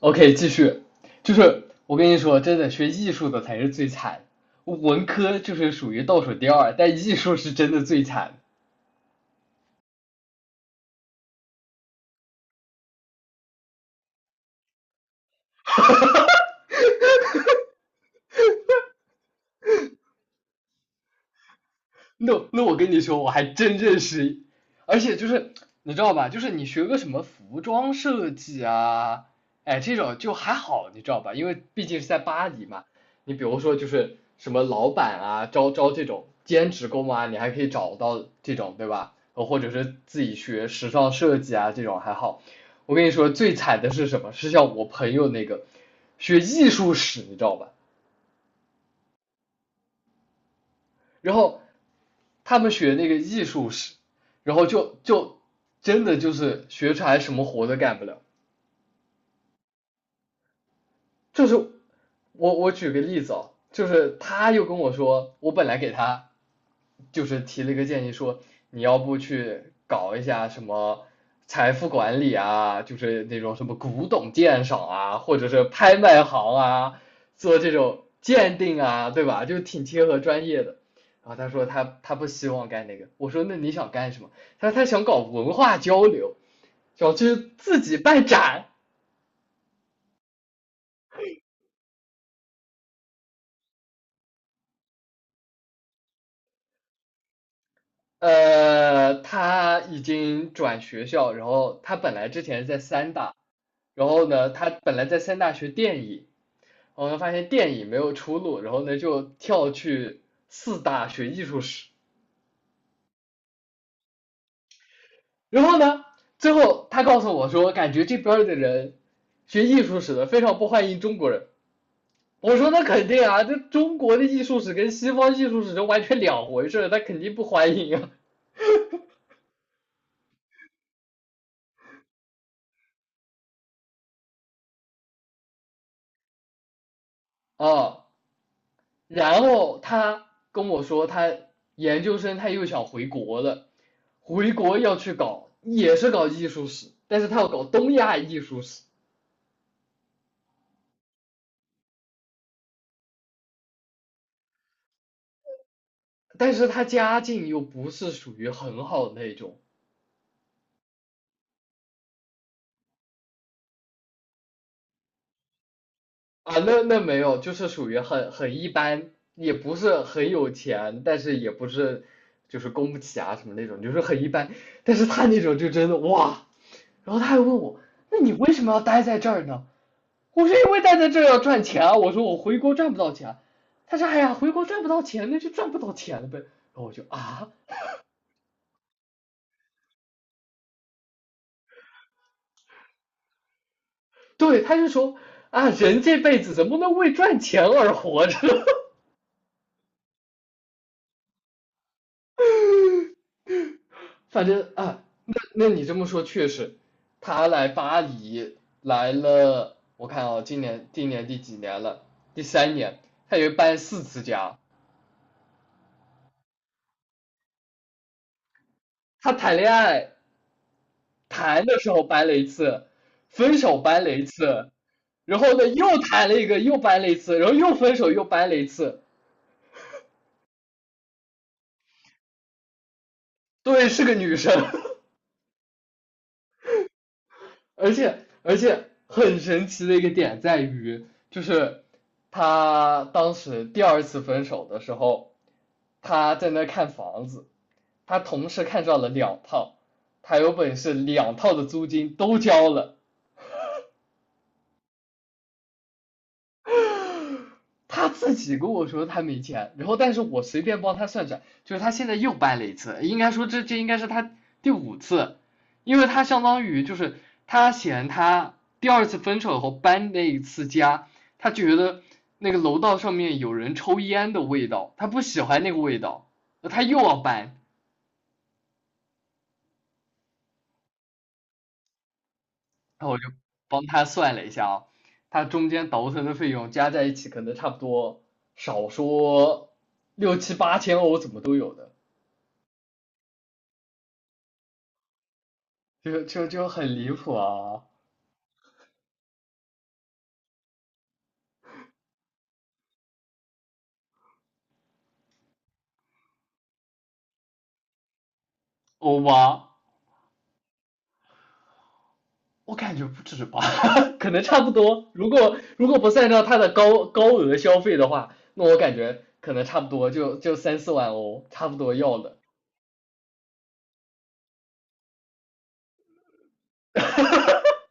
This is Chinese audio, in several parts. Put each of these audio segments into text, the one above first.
OK，继续，就是我跟你说，真的学艺术的才是最惨，文科就是属于倒数第二，但艺术是真的最惨。那我跟你说，我还真认识，而且就是你知道吧，就是你学个什么服装设计啊，哎，这种就还好，你知道吧？因为毕竟是在巴黎嘛，你比如说就是什么老板啊，招招这种兼职工啊，你还可以找到这种，对吧？或者是自己学时尚设计啊，这种还好。我跟你说，最惨的是什么？是像我朋友那个学艺术史，你知道吧？然后他们学那个艺术史，然后就真的就是学出来什么活都干不了。就是我举个例子哦，就是他又跟我说，我本来给他就是提了一个建议说，你要不去搞一下什么财富管理啊，就是那种什么古董鉴赏啊，或者是拍卖行啊，做这种鉴定啊，对吧？就挺贴合专业的。然后他说他不希望干那个，我说那你想干什么？他说他想搞文化交流，想去自己办展。他已经转学校，然后他本来之前是在三大，然后呢，他本来在三大学电影，然后呢发现电影没有出路，然后呢就跳去四大学艺术史，然后呢，最后他告诉我说，感觉这边的人学艺术史的非常不欢迎中国人。我说那肯定啊，这中国的艺术史跟西方艺术史是完全两回事他肯定不欢迎啊。啊，然后他跟我说，他研究生他又想回国了，回国要去搞，也是搞艺术史，但是他要搞东亚艺术史，但是他家境又不是属于很好的那种啊，那没有，就是属于很一般，也不是很有钱，但是也不是就是供不起啊什么那种，就是很一般，但是他那种就真的哇，然后他还问我，那你为什么要待在这儿呢？我是因为待在这要赚钱啊，我说我回国赚不到钱啊，他说哎呀回国赚不到钱那就赚不到钱了呗，然后我就啊，对，他就说啊人这辈子怎么能为赚钱而活着 反正啊，那那你这么说确实，他来巴黎来了，我看啊，哦今年第几年了？第三年，他也搬4次家，他谈恋爱谈的时候掰了一次，分手掰了一次，然后呢又谈了一个，又掰了一次，然后又分手又掰了一次。对，是个女生，而且很神奇的一个点在于，就是她当时第二次分手的时候，她在那看房子，她同时看上了两套，她有本事两套的租金都交了。他自己跟我说他没钱，然后但是我随便帮他算算，就是他现在又搬了一次，应该说这应该是他第五次，因为他相当于就是他嫌他第二次分手后搬那一次家，他觉得那个楼道上面有人抽烟的味道，他不喜欢那个味道，他又要搬，然后我就帮他算了一下啊，他中间倒腾的费用加在一起，可能差不多少说六七八千欧，怎么都有的，就很离谱啊，欧巴，我感觉不止吧，可能差不多。如果不算上他的高额消费的话，那我感觉可能差不多就三四万欧，差不多要了。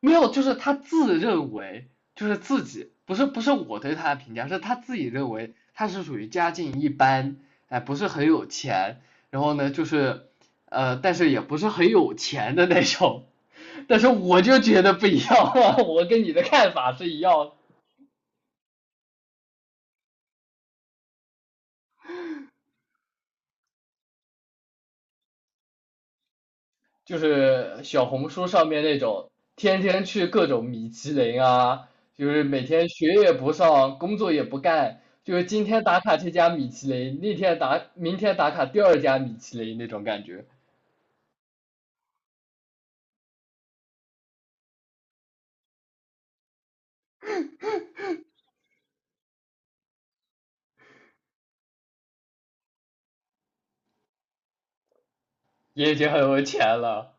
没有，就是他自认为就是自己不是我对他的评价，是他自己认为他是属于家境一般，哎，不是很有钱，然后呢就是但是也不是很有钱的那种。但是我就觉得不一样，我跟你的看法是一样的。就是小红书上面那种天天去各种米其林啊，就是每天学也不上，工作也不干，就是今天打卡这家米其林，那天打，明天打卡第二家米其林那种感觉，也已经很有钱了。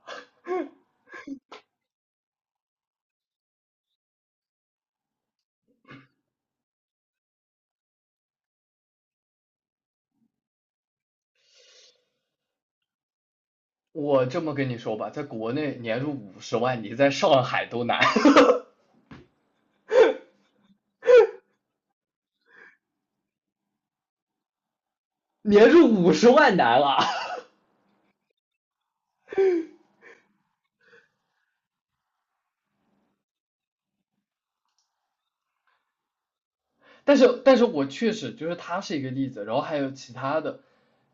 我这么跟你说吧，在国内年入五十万，你在上海都难，年入五十万难了。但是我确实就是他是一个例子，然后还有其他的，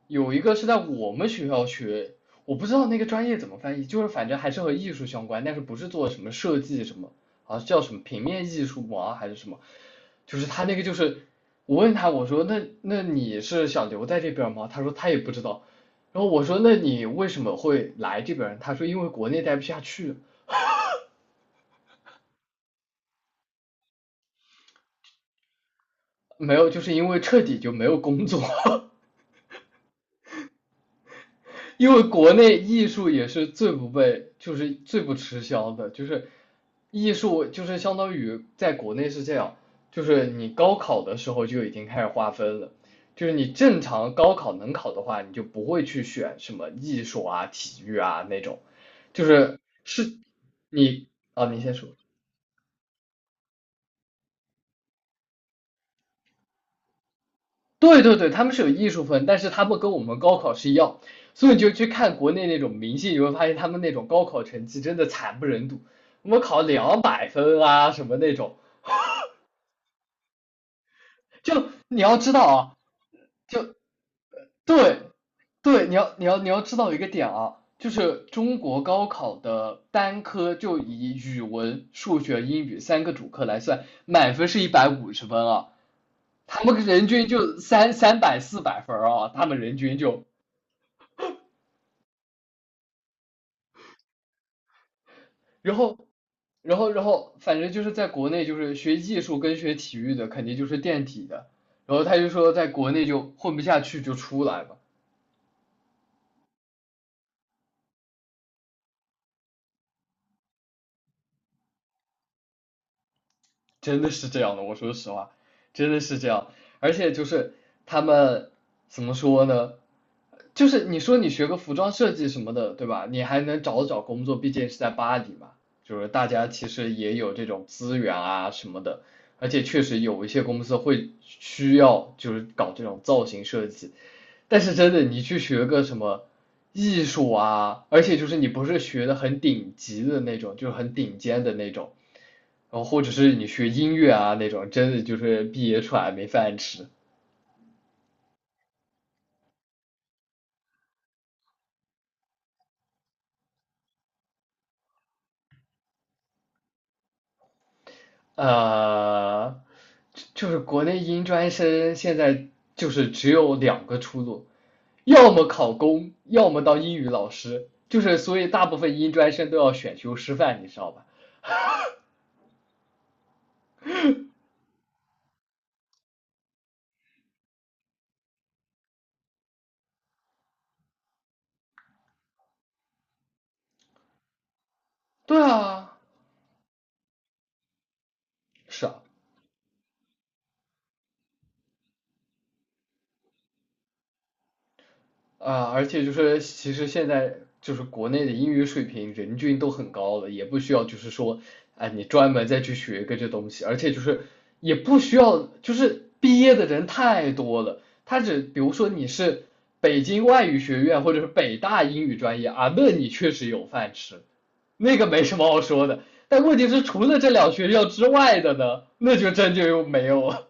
有一个是在我们学校学，我不知道那个专业怎么翻译，就是反正还是和艺术相关，但是不是做什么设计什么，啊叫什么平面艺术嘛还是什么，就是他那个就是我问他我说那你是想留在这边吗？他说他也不知道，然后我说那你为什么会来这边？他说因为国内待不下去，没有就是因为彻底就没有工作。因为国内艺术也是最不被，就是最不吃香的，就是艺术就是相当于在国内是这样，就是你高考的时候就已经开始划分了，就是你正常高考能考的话，你就不会去选什么艺术啊、体育啊那种，就是你啊，你先说。对对对，他们是有艺术分，但是他们跟我们高考是一样，所以你就去看国内那种明星，你会发现他们那种高考成绩真的惨不忍睹，我们考200分啊什么那种，就你要知道啊，就对对，你要知道一个点啊，就是中国高考的单科就以语文、数学、英语三个主科来算，满分是150分啊，他们人均就三百四百分啊。他们人均就。然后，然后，反正就是在国内，就是学艺术跟学体育的肯定就是垫底的。然后他就说，在国内就混不下去就出来吧，真的是这样的。我说实话，真的是这样。而且就是他们怎么说呢？就是你说你学个服装设计什么的，对吧？你还能找找工作，毕竟是在巴黎嘛。就是大家其实也有这种资源啊什么的，而且确实有一些公司会需要就是搞这种造型设计。但是真的，你去学个什么艺术啊，而且就是你不是学的很顶级的那种，就是很顶尖的那种，然后或者是你学音乐啊那种，真的就是毕业出来没饭吃。呃，就是国内音专生现在就是只有2个出路，要么考公，要么当英语老师，就是所以大部分音专生都要选修师范，你知道吧？对啊，是啊。啊，而且就是其实现在就是国内的英语水平人均都很高了，也不需要就是说，哎，你专门再去学个这东西，而且就是也不需要，就是毕业的人太多了，他只比如说你是北京外语学院或者是北大英语专业啊，那你确实有饭吃，那个没什么好说的，但问题是除了这两学校之外的呢，那就真就又没有了。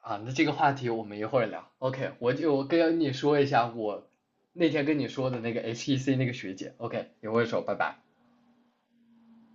啊，那这个话题我们一会儿聊。OK，我就跟你说一下我那天跟你说的那个 HEC 那个学姐。OK，一会儿说，拜拜。